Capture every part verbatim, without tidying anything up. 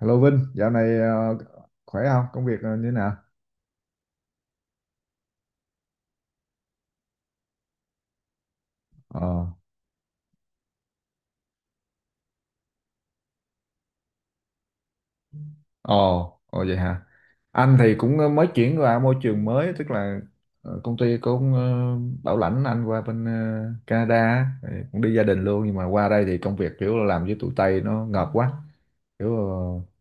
Hello Vinh, dạo này ờ, khỏe không? Công việc ờ, như thế nào? Ờ, ồ, ồ vậy hả? Anh thì cũng ờ, mới chuyển qua môi trường mới, tức là ờ, công ty cũng ờ, bảo lãnh anh qua bên ờ, Canada, á, thì cũng đi gia đình luôn, nhưng mà qua đây thì công việc kiểu là làm với tụi Tây nó ngợp quá. Kiểu ờ,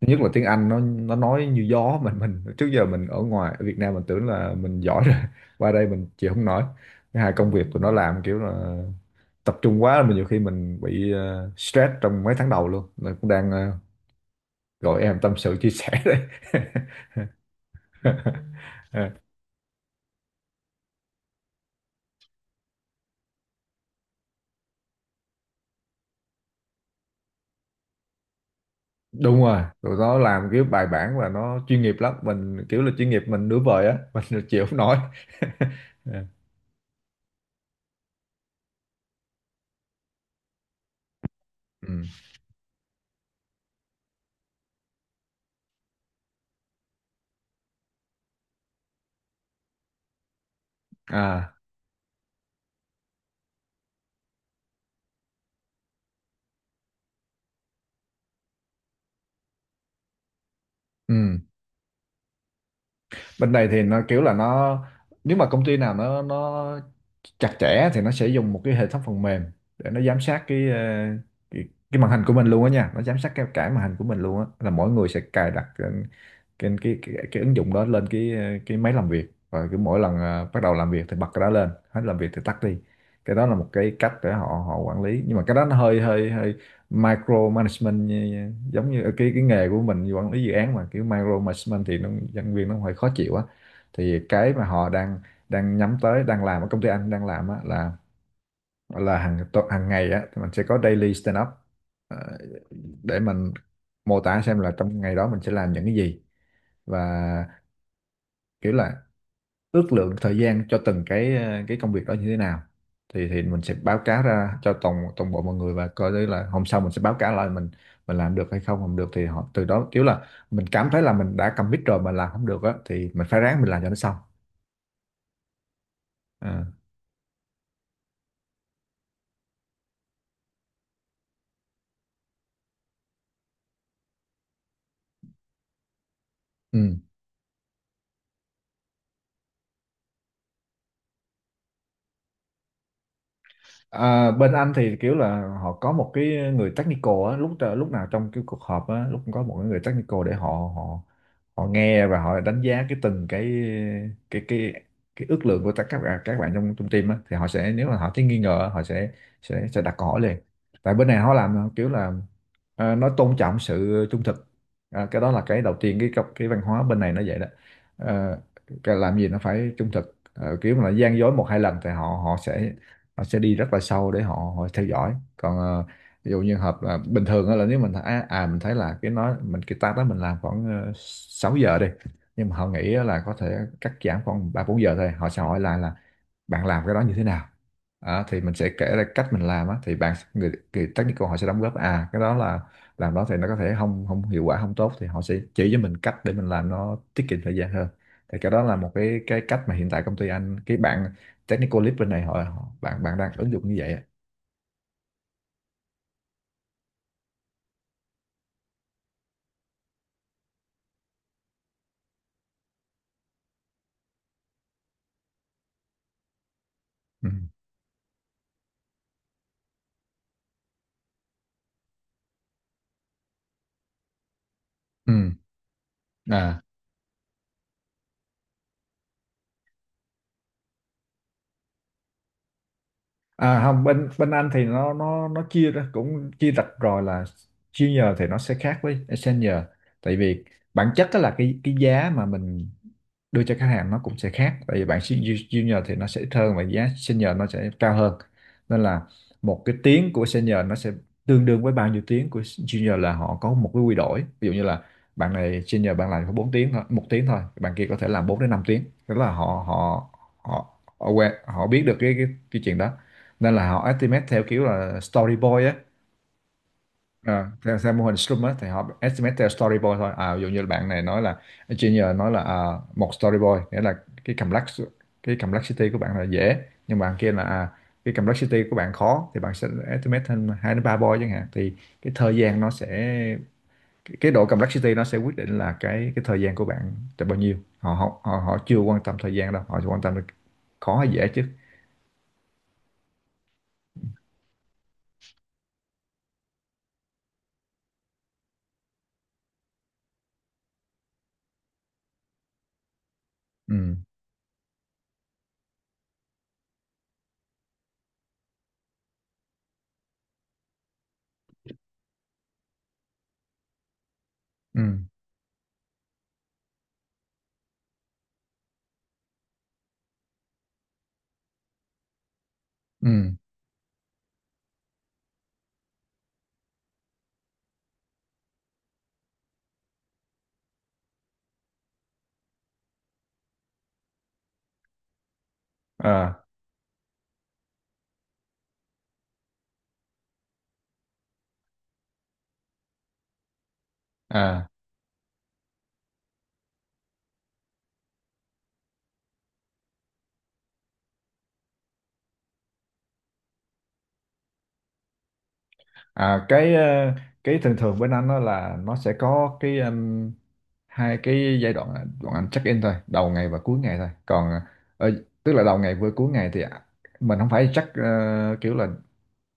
thứ nhất là tiếng Anh nó nó nói như gió mình mình trước giờ mình ở ngoài ở Việt Nam mình tưởng là mình giỏi rồi, qua đây mình chịu không nổi. Thứ hai công việc tụi nó làm kiểu là tập trung quá mà nhiều khi mình bị ờ, stress trong mấy tháng đầu luôn nên cũng đang ờ, gọi em tâm sự chia sẻ đây. Đúng rồi, tụi nó làm cái bài bản và nó chuyên nghiệp lắm, mình kiểu là chuyên nghiệp mình nửa vời á. Mình chịu không nổi. Ờ, ừ. À, ừ. Bên đây thì nó kiểu là nó, nếu mà công ty nào nó nó chặt chẽ thì nó sẽ dùng một cái hệ thống phần mềm để nó giám sát cái ờ, cái, cái màn hình của mình luôn á nha, nó giám sát cái cả màn hình của mình luôn á, là mỗi người sẽ cài đặt cái cái cái, cái, cái ứng dụng đó lên cái ờ, cái máy làm việc, và cứ mỗi lần ờ, bắt đầu làm việc thì bật cái đó lên, hết làm việc thì tắt đi. Cái đó là một cái cách để họ họ quản lý, nhưng mà cái đó nó hơi hơi hơi micro management, như, giống như ờ, cái cái nghề của mình quản lý dự án mà kiểu micro management thì nó nhân viên nó hơi khó chịu á. Thì cái mà họ đang đang nhắm tới, đang làm ở công ty anh đang làm á, là là hàng tu- hàng ngày á thì mình sẽ có daily stand up, ờ, để mình mô tả xem là trong ngày đó mình sẽ làm những cái gì, và kiểu là ước lượng thời gian cho từng cái ờ, cái công việc đó như thế nào. Thì thì mình sẽ báo cáo ra cho toàn toàn bộ mọi người, và coi đấy là hôm sau mình sẽ báo cáo lại mình mình làm được hay không không được. Thì họ từ đó kiểu là mình cảm thấy là mình đã commit rồi mà làm không được á thì mình phải ráng mình làm cho nó xong. À, ừ. À, bên anh thì kiểu là họ có một cái người technical á, lúc lúc nào trong cái cuộc họp á, lúc cũng có một cái người technical để họ họ họ nghe và họ đánh giá cái từng cái cái cái cái ước lượng của tất các bạn, các bạn trong trong team á. Thì họ sẽ, nếu mà họ thấy nghi ngờ, họ sẽ sẽ sẽ đặt câu hỏi liền. Tại bên này họ làm kiểu là ờ, nó tôn trọng sự trung thực. À, cái đó là cái đầu tiên, cái cái văn hóa bên này nó vậy đó. Ờ, cái làm gì nó phải trung thực. Ờ, kiểu mà là gian dối một hai lần thì họ họ sẽ họ sẽ đi rất là sâu để họ, họ theo dõi. Còn ờ, ví dụ như hợp là bình thường á, là nếu mình à, à mình thấy là cái nói mình cái task đó mình làm khoảng uh, sáu giờ đi, nhưng mà họ nghĩ á là có thể cắt giảm khoảng ba bốn giờ thôi, họ sẽ hỏi lại là bạn làm cái đó như thế nào. Đó, thì mình sẽ kể ra cách mình làm á, thì bạn người, người technical họ sẽ đóng góp, à cái đó là làm đó thì nó có thể không không hiệu quả không tốt, thì họ sẽ chỉ cho mình cách để mình làm nó tiết kiệm thời gian hơn. Thì cái đó là một cái cái cách mà hiện tại công ty anh, cái bạn technical lead bên này họ, họ bạn bạn đang ứng dụng như vậy á. Ừ. Ừ. À. À không, bên bên anh thì nó nó nó chia ra cũng chia rạch rồi là junior thì nó sẽ khác với senior, tại vì bản chất đó là cái cái giá mà mình đưa cho khách hàng nó cũng sẽ khác. Tại vì bản ju- junior thì nó sẽ ít hơn và giá senior nó sẽ cao hơn. Nên là một cái tiếng của senior nó sẽ tương đương với bao nhiêu tiếng của junior, là họ có một cái quy đổi. Ví dụ như là bạn này senior bạn làm có bốn tiếng thôi, một tiếng thôi, bạn kia có thể làm bốn đến năm tiếng. Tức là họ họ họ họ quen, họ biết được cái cái, cái chuyện đó. Nên là họ estimate theo kiểu là storyboard á. Ờ, theo, theo mô hình Scrum á thì họ estimate theo storyboard thôi à. Ví dụ như bạn này nói là junior, nói là à, một storyboard nghĩa là cái complex cái complexity của bạn là dễ, nhưng bạn kia là à, cái complexity của bạn khó, thì bạn sẽ estimate thêm hai đến ba boy chẳng hạn. Thì cái thời gian nó sẽ, cái, cái độ complexity nó sẽ quyết định là cái cái thời gian của bạn là bao nhiêu. Họ họ họ, họ chưa quan tâm thời gian đâu, họ chỉ quan tâm là khó hay dễ chứ. Ừ. Ừ. Ừ. À. À. À, cái ờ, cái thường thường bên anh đó là nó sẽ có cái um, hai cái giai đoạn là bọn anh check in thôi, đầu ngày và cuối ngày thôi. Còn ờ, tức là đầu ngày với cuối ngày thì mình không phải check ờ, kiểu là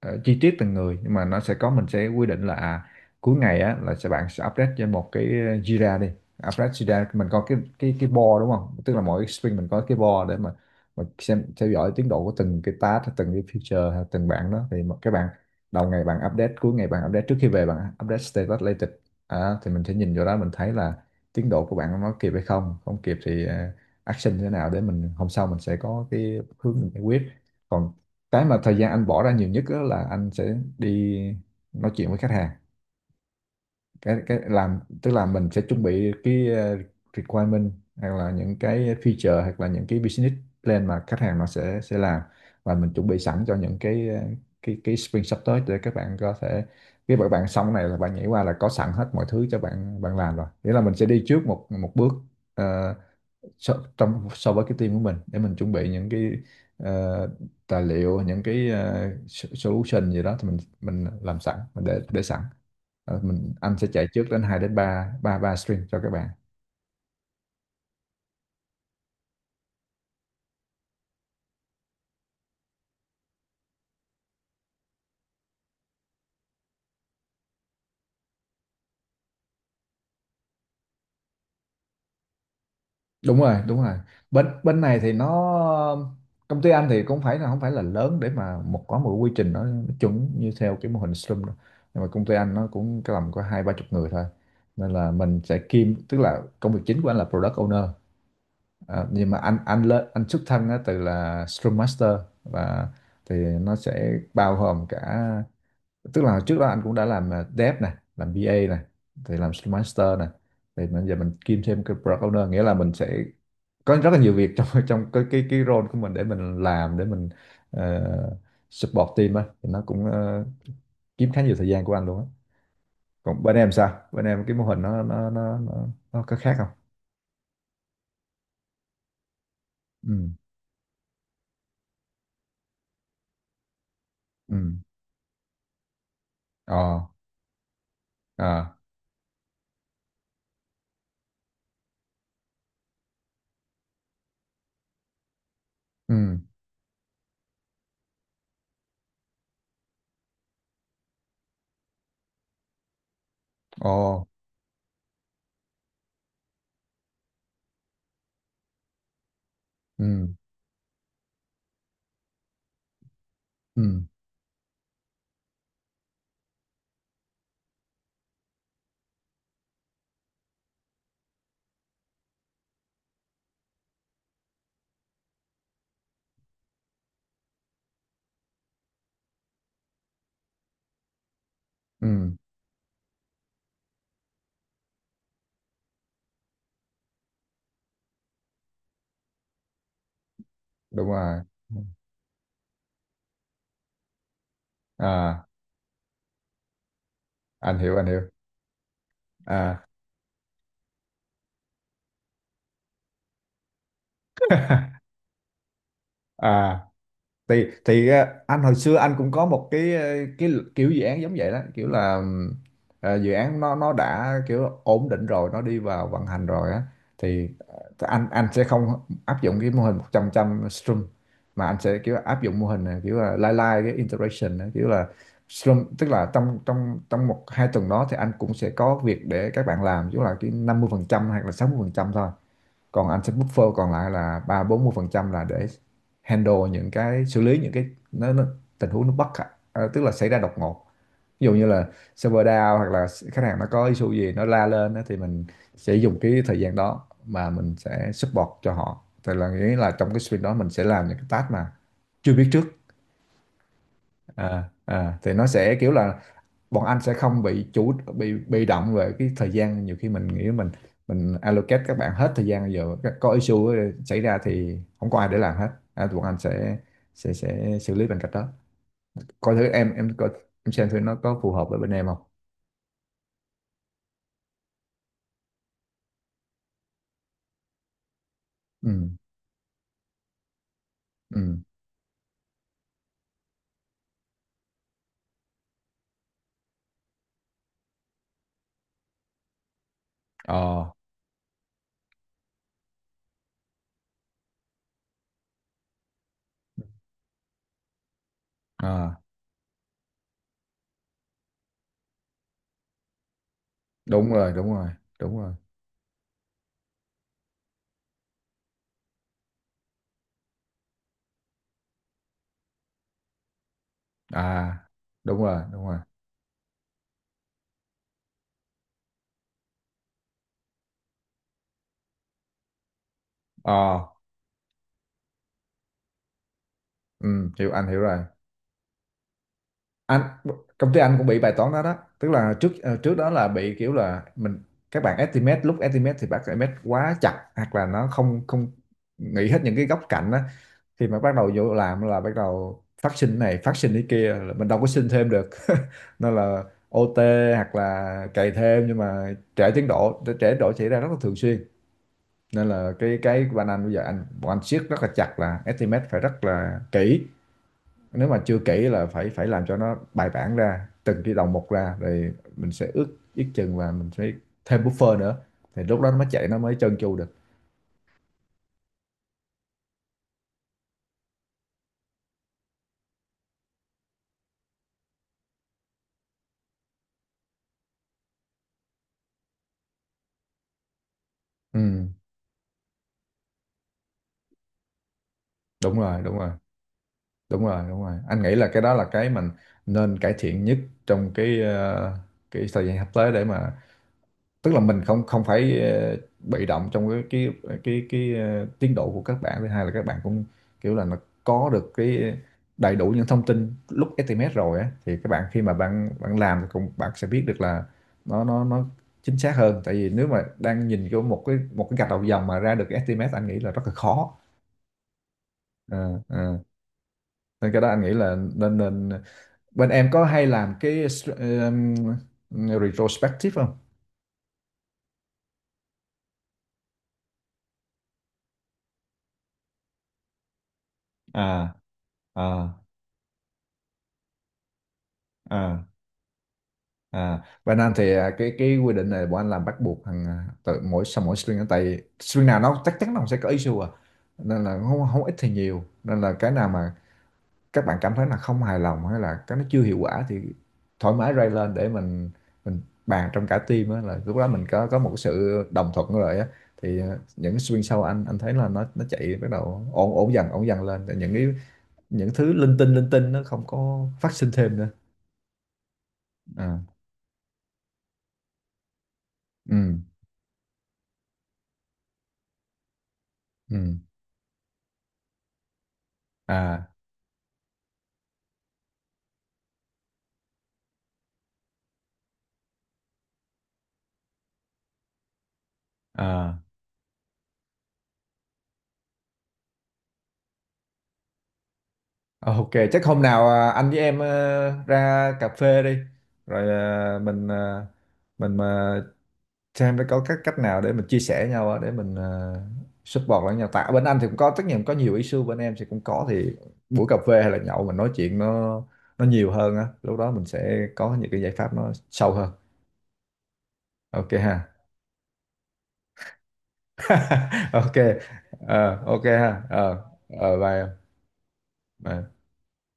ờ, chi tiết từng người, nhưng mà nó sẽ có, mình sẽ quy định là à, cuối ngày á là sẽ bạn sẽ update cho một cái ờ, Jira đi, update Jira. Mình có cái cái cái board đúng không, tức là mỗi cái sprint mình có cái board để mà mà xem theo dõi tiến độ của từng cái task hay từng cái feature hay từng bạn đó. Thì mà các bạn đầu ngày bạn update, cuối ngày bạn update, trước khi về bạn update status latest. À, thì mình sẽ nhìn vô đó mình thấy là tiến độ của bạn nó kịp hay không không kịp, thì ờ, action như thế nào để mình hôm sau mình sẽ có cái hướng mình giải quyết. Còn cái mà thời gian anh bỏ ra nhiều nhất đó là anh sẽ đi nói chuyện với khách hàng. Cái cái làm tức là mình sẽ chuẩn bị cái ờ, requirement hoặc là những cái feature hoặc là những cái business plan mà khách hàng nó sẽ sẽ làm, và mình chuẩn bị sẵn cho những cái ờ, cái cái sprint sắp tới để các bạn có thể, khi các bạn xong cái này là bạn nhảy qua là có sẵn hết mọi thứ cho bạn bạn làm rồi. Nghĩa là mình sẽ đi trước một một bước ờ, so, trong so với cái team của mình, để mình chuẩn bị những cái ờ, tài liệu, những cái ờ, so- solution gì đó, thì mình mình làm sẵn mình để để sẵn. Ờ, mình anh sẽ chạy trước đến hai đến ba ba ba stream cho các bạn. Đúng rồi đúng rồi bên bên này thì nó, công ty anh thì cũng phải là không phải là lớn để mà một có một quy trình nó chuẩn như theo cái mô hình Scrum đâu. Nhưng mà công ty anh nó cũng cái tầm có hai ba chục người thôi, nên là mình sẽ kiêm. Tức là công việc chính của anh là product owner. À, nhưng mà anh anh lên, anh xuất thân á, từ là Scrum Master, và thì nó sẽ bao gồm cả, tức là trước đó anh cũng đã làm à, dev này, làm bê a này, thì làm Scrum Master này, thì bây giờ mình kiêm thêm cái Product Owner. Nghĩa là mình sẽ có rất là nhiều việc trong trong cái cái cái role của mình để mình làm, để mình ờ, support team á, thì nó cũng ờ, kiếm khá nhiều thời gian của anh luôn á. Còn bên em sao, bên em cái mô hình nó nó nó nó, nó có khác không? Ừ. Ừ. Ờ. À. Ừ. Ồ. Ừ. Ừ. Ừ. Đúng rồi. Ừ. À, anh hiểu anh hiểu. à à thì thì ờ, anh hồi xưa anh cũng có một cái ờ, cái kiểu dự án giống vậy đó, kiểu là ừm, ờ, dự án nó nó đã kiểu ổn định rồi, nó đi vào vận hành rồi á. Thì ờ, anh anh sẽ không áp dụng cái mô hình một trăm trăm stream, mà anh sẽ kiểu áp dụng mô hình này, kiểu là lai lai cái interaction á, kiểu là stream. Tức là trong trong trong một hai tuần đó thì anh cũng sẽ có việc để các bạn làm, chứ là cái năm mươi phần trăm hoặc là sáu mươi phần trăm thôi, còn anh sẽ buffer còn lại là ba bốn mươi phần trăm là để handle những cái, xử lý những cái nó, nó tình huống nó bất khả, à, tức là xảy ra đột ngột. Ví dụ như là server down hoặc là khách hàng nó có issue gì nó la lên á, thì mình sẽ dùng cái thời gian đó mà mình sẽ support cho họ. Thì là nghĩa là trong cái sprint đó mình sẽ làm những cái task mà chưa biết trước. À, à, thì nó sẽ kiểu là bọn anh sẽ không bị chủ bị bị động về cái thời gian. Nhiều khi mình nghĩ mình mình allocate các bạn hết thời gian, giờ các- có issue xảy ra thì không có ai để làm hết. À, bọn anh sẽ sẽ sẽ xử lý bằng cách đó. Coi thử em em coi, em xem thử nó có phù hợp với bên em không. Ừ, ừ, ờ, à, đúng rồi đúng rồi đúng rồi. À, đúng rồi đúng rồi. Ờ, ừ, hiểu, anh hiểu rồi. anh Công ty anh cũng bị bài toán đó đó. Tức là trước ờ, trước đó là bị kiểu là mình, các bạn estimate, lúc estimate thì bác estimate quá chặt hoặc là nó không không nghĩ hết những cái góc cạnh á. Khi mà bắt đầu vô làm là bắt đầu phát sinh này phát sinh cái kia là mình đâu có xin thêm được nên là ô tê hoặc là cày thêm, nhưng mà trễ tiến độ, trễ tiến độ xảy ra rất là thường xuyên. Nên là cái cái của anh, anh bây giờ anh bọn anh siết rất là chặt là estimate phải rất là kỹ. Nếu mà chưa kỹ là phải phải làm cho nó bài bản ra, từng cái đầu một ra, rồi mình sẽ ước, ước chừng và mình sẽ thêm buffer nữa. Thì lúc đó nó mới chạy, nó mới trơn tru được. Ừ, đúng rồi, đúng rồi. Đúng rồi, đúng rồi. Anh nghĩ là cái đó là cái mình nên cải thiện nhất trong cái ờ, cái thời gian sắp tới, để mà tức là mình không không phải ờ, bị động trong cái cái cái cái ờ, tiến độ của các bạn. Thứ hai là các bạn cũng kiểu là nó có được cái đầy đủ những thông tin lúc estimate rồi á, thì các bạn khi mà bạn bạn làm thì cũng, bạn sẽ biết được là nó nó nó chính xác hơn. Tại vì nếu mà đang nhìn vô một cái một cái gạch đầu dòng mà ra được cái estimate, anh nghĩ là rất là khó. Ờ, ờ, nên cái đó anh nghĩ là nên nên bên em có hay làm cái str- ừm, retrospective không? À, à, à. À, Việt Nam thì à, cái cái quy định này bọn anh làm bắt buộc thằng à, tự mỗi sau mỗi string, tại string nào nó chắc chắn nó cũng sẽ có issue à, nên là không, không ít thì nhiều. Nên là cái nào mà các bạn cảm thấy là không hài lòng hay là cái nó chưa hiệu quả thì thoải mái raise lên để mình mình bàn trong cả team á, là lúc đó mình có có một cái sự đồng thuận rồi á. Thì à, những string sau anh anh thấy là nó nó chạy bắt đầu ổn ổn dần ổn dần lên. Tại những cái, những thứ linh tinh linh tinh nó không có phát sinh thêm nữa. À, ừ, ừ, à, à. Ờ, ok, chắc hôm nào à, anh với em ờ, ra cà phê đi. Rồi à, mình à, mình mà xem có các cách nào để mình chia sẻ nhau á, để mình à, support lẫn nhau. Tại bên anh thì cũng có, tất nhiên có nhiều issue, bên em thì cũng có, thì buổi cà phê hay là nhậu mình nói chuyện nó nó nhiều hơn á. Lúc đó mình sẽ có những cái giải pháp nó sâu hơn. Ok ha. Ok. Ờ, ok ha. Ờ, ờ, bye em. Bye.